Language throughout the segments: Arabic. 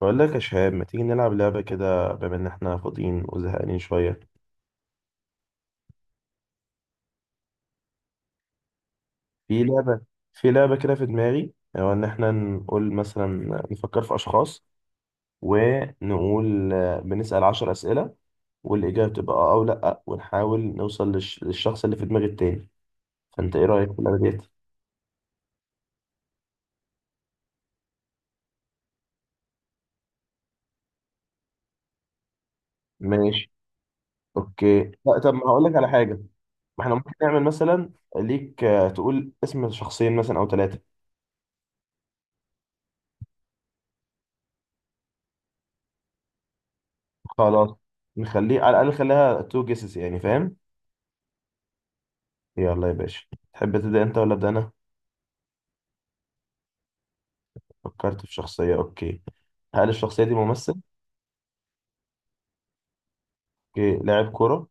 بقول لك يا شهاب، ما تيجي نلعب لعبة كده بما إن إحنا فاضيين وزهقانين شوية؟ في لعبة في لعبة كده في دماغي، هو إن إحنا نقول مثلا نفكر في أشخاص ونقول بنسأل 10 أسئلة، والإجابة تبقى آه أو لأ، ونحاول نوصل للشخص اللي في دماغ التاني. فأنت إيه رأيك في اللعبة ديت؟ ماشي. أوكي، لا طب ما هقول لك على حاجة. ما إحنا ممكن نعمل مثلا ليك تقول اسم شخصين مثلا أو ثلاثة. خلاص، نخليه على الأقل، خليها تو جيسز يعني، فاهم؟ يلا يا باشا، تحب تبدأ أنت ولا أبدأ أنا؟ فكرت في شخصية، أوكي. هل الشخصية دي ممثل؟ أوكي، لاعب كورة؟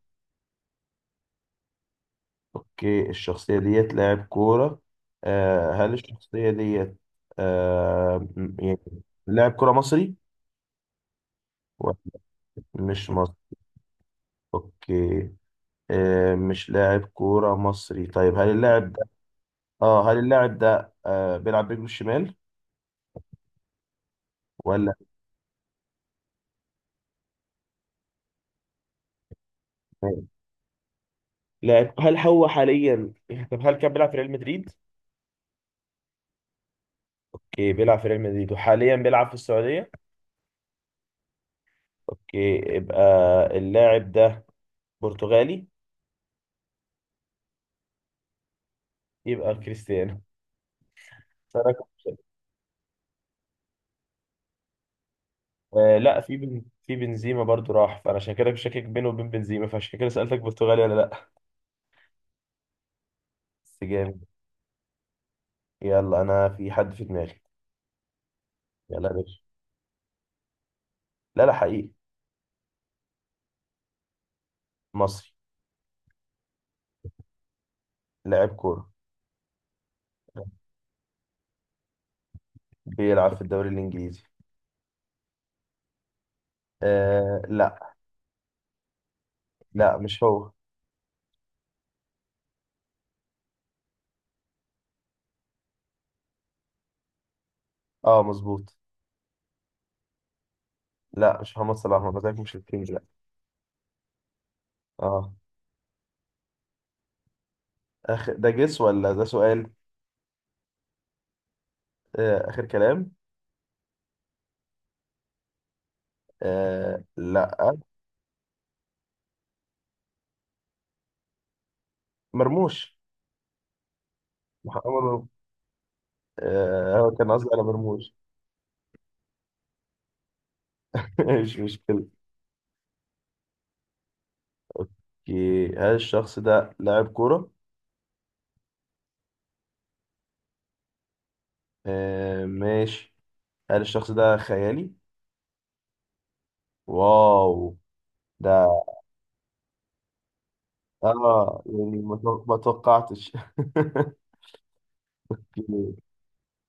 أوكي، الشخصية ديت لاعب كورة. هل الشخصية ديت، يعني لاعب كورة مصري؟ و- مش مصري. أوكي. مش لاعب كورة مصري، طيب هل اللاعب ده بيلعب برجله الشمال ولا؟ لاعب، هل هو حاليا؟ طب هل كان بيلعب في ريال مدريد؟ اوكي، بيلعب في ريال مدريد وحاليا بيلعب في السعودية. اوكي، يبقى اللاعب ده برتغالي. يبقى كريستيانو. فأنا كنت- لا، في بنزيما برضو راح، فانا عشان كده مش شاكك بينه وبين بنزيما، فعشان كده سألتك برتغالي ولا لا. بس جامد. يلا انا في حد في دماغي. يلا يا باشا. لا لا، حقيقي. مصري. لاعب كورة. بيلعب في الدوري الانجليزي. آه لا. لا مش هو اه مظبوط. لا مش محمد صلاح، ما بتاعك مش الكينج لا. اه، اخر ده جس ولا ده سؤال؟ آه اخر كلام. آه لا. مرموش. محمد مرموش. هو كان قصدي على مرموش. مش مشكلة. اوكي، هل الشخص ده لاعب كورة؟ آه ماشي. هل الشخص ده خيالي؟ واو. ده. اه يعني ما توقعتش. أوكي.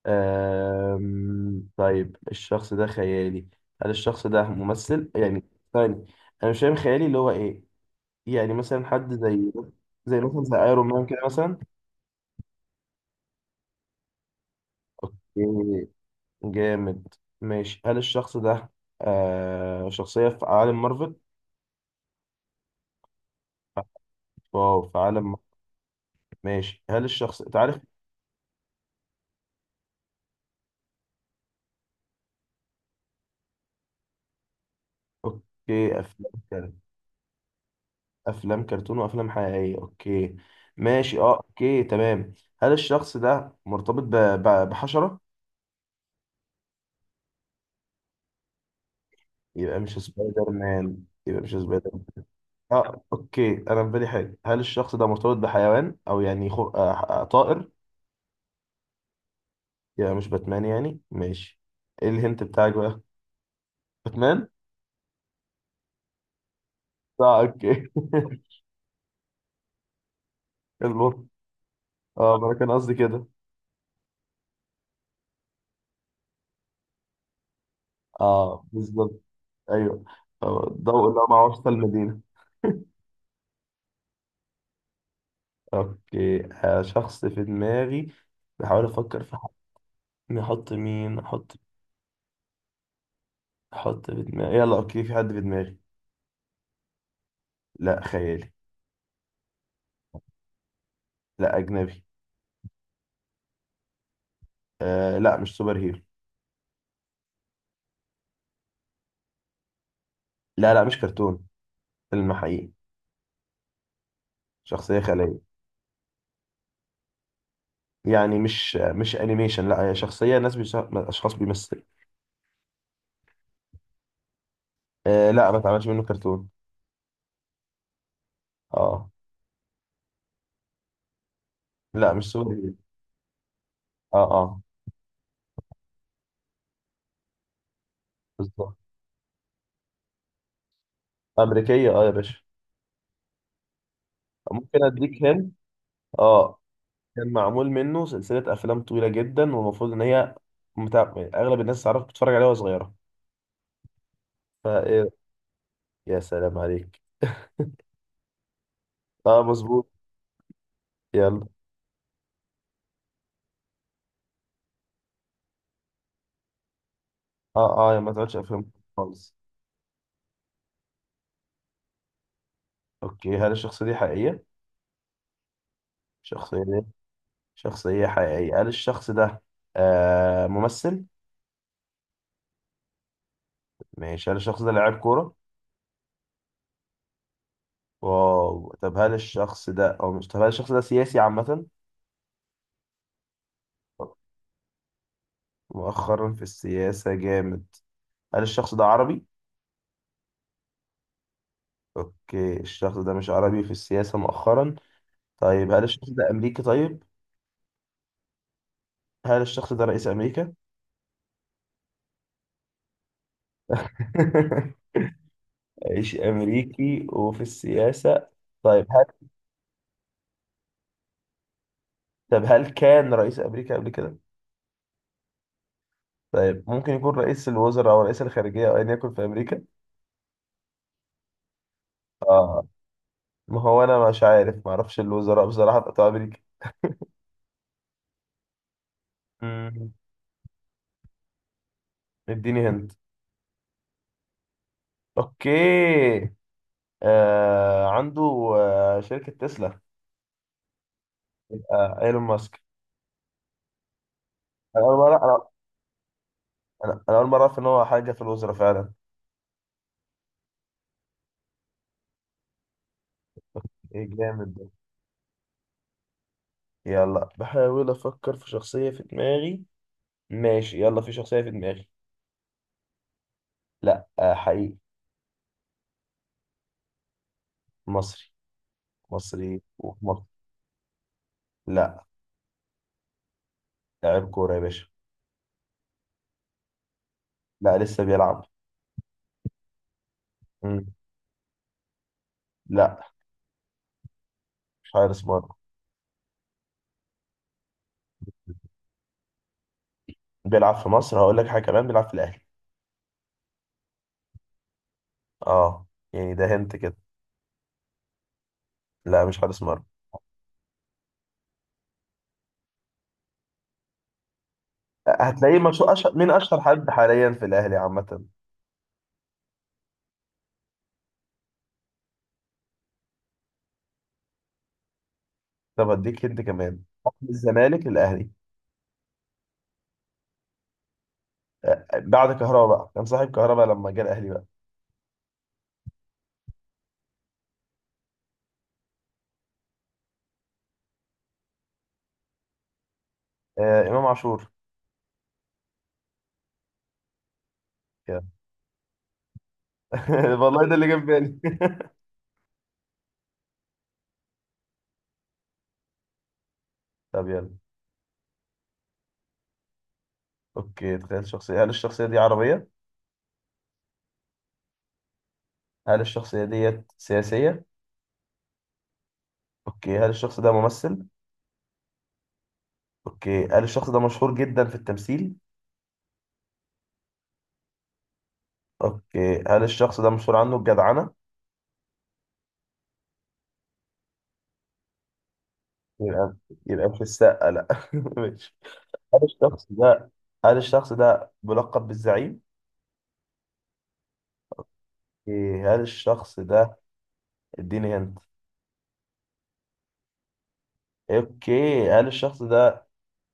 طيب الشخص ده خيالي، هل الشخص ده ممثل يعني؟ ثاني. انا مش فاهم خيالي اللي هو ايه؟ يعني مثلا حد زي، زي مثلا زي ايرون مان كده مثلا. اوكي. جامد. ماشي، هل الشخص ده شخصية في عالم مارفل؟ واو، في عالم مارفل. ماشي، هل الشخص أنت عارف. اوكي، افلام كرتون. افلام كرتون وافلام حقيقية، اوكي. ماشي، اه اوكي تمام. هل الشخص ده مرتبط بحشرة؟ يبقى مش سبايدر مان يبقى مش سبايدر مان. اه اوكي، انا في بالي حاجة، هل الشخص ده مرتبط بحيوان او يعني خو... آه طائر؟ يبقى مش باتمان يعني، ماشي. ايه الهنت بتاعك بقى؟ باتمان؟ اه اوكي المخ. اه ما انا كان قصدي كده. اه بالظبط. ايوه. ضوء اللي هو مع وسط المدينه. اوكي شخص في دماغي، بحاول افكر في حد. نحط مين احط. احط في دماغي، يلا اوكي، في حد في دماغي. لا، خيالي. لا، اجنبي. آه لا، مش سوبر هيرو. لا لا، مش كرتون، فيلم حقيقي. شخصيه خياليه يعني، مش مش انيميشن، لا هي شخصيه اشخاص بيمثلوا. آه لا، ما اتعملش منه كرتون. اه. لا مش سوبر هيرو. اه اه بالظبط. أمريكية، أه يا باشا. ممكن أديك هند. أه، كان معمول منه سلسلة أفلام طويلة جدا، والمفروض إن هي أغلب الناس تعرف بتتفرج عليها وهي صغيرة، فإيه؟ يا سلام عليك أه مظبوط. يلا. أه أه، يا ما تقعدش أفلام خالص. أوكي، هل الشخصية دي حقيقية؟ شخصية دي. شخصية حقيقية، هل الشخص ده ممثل؟ ماشي، هل الشخص ده لاعب كورة؟ واو، طب هل الشخص ده أو مش طب هل الشخص ده سياسي عامة؟ مؤخرا في السياسة جامد، هل الشخص ده عربي؟ اوكي، الشخص ده مش عربي، في السياسة مؤخرا. طيب هل الشخص ده امريكي طيب؟ هل الشخص ده رئيس امريكا؟ رئيس امريكي وفي السياسة، طيب هل. طب هل كان رئيس امريكا قبل كده؟ طيب ممكن يكون رئيس الوزراء او رئيس الخارجية او ايا يكن في امريكا؟ اه ما هو انا مش عارف، ما اعرفش الوزراء بصراحة بتوع امريكا. مم، اديني هند. اوكي عنده شركة تسلا. يبقى ايلون ماسك. انا أول مرة- انا انا اول مره اعرف ان هو حاجه في الوزراء فعلا. ايه جامد ده. يلا بحاول افكر في شخصيه في دماغي. ماشي يلا، في شخصيه في دماغي. لا حقيقي. مصري. مصري وفي مصر. لا. لاعب كوره يا باشا. لا لسه بيلعب. مم. لا، مش حارس مرمى. بيلعب في مصر، هقول لك حاجه كمان، بيلعب في الاهلي. اه، يعني ده هنت كده. لا مش حارس مرمى. هتلاقيه مشهور، اشهر من اشهر حد حاليا في الاهلي عامه. طب اديك هنت كمان، من الزمالك للاهلي. بعد كهربا بقى، كان صاحب كهربا لما جه الاهلي بقى. امام عاشور. كده. والله ده اللي جاب بالي طب يلا. اوكي تخيل شخصية، هل الشخصية دي عربية؟ هل الشخصية ديت سياسية؟ اوكي، هل الشخص ده ممثل؟ اوكي، هل الشخص ده مشهور جدا في التمثيل؟ اوكي، هل الشخص ده مشهور عنه الجدعنة؟ يبقى يبقى مش السقا لا ماشي، هل الشخص ده هل الشخص ده بلقب بالزعيم؟ اوكي، هل الشخص ده. اديني هنت. اوكي، هل الشخص ده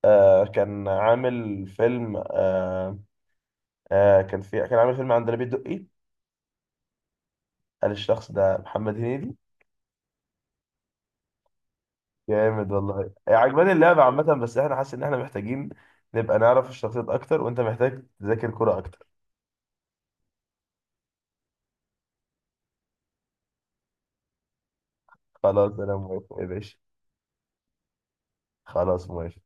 كان عامل فيلم، كان عامل فيلم عندليب الدقي. قال الشخص ده محمد هنيدي. جامد والله، عجباني اللعبة عامة، بس احنا حاسس ان احنا محتاجين نبقى نعرف الشخصيات اكتر، وانت محتاج تذاكر كرة اكتر. خلاص انا موافق يا باشا. خلاص موافق.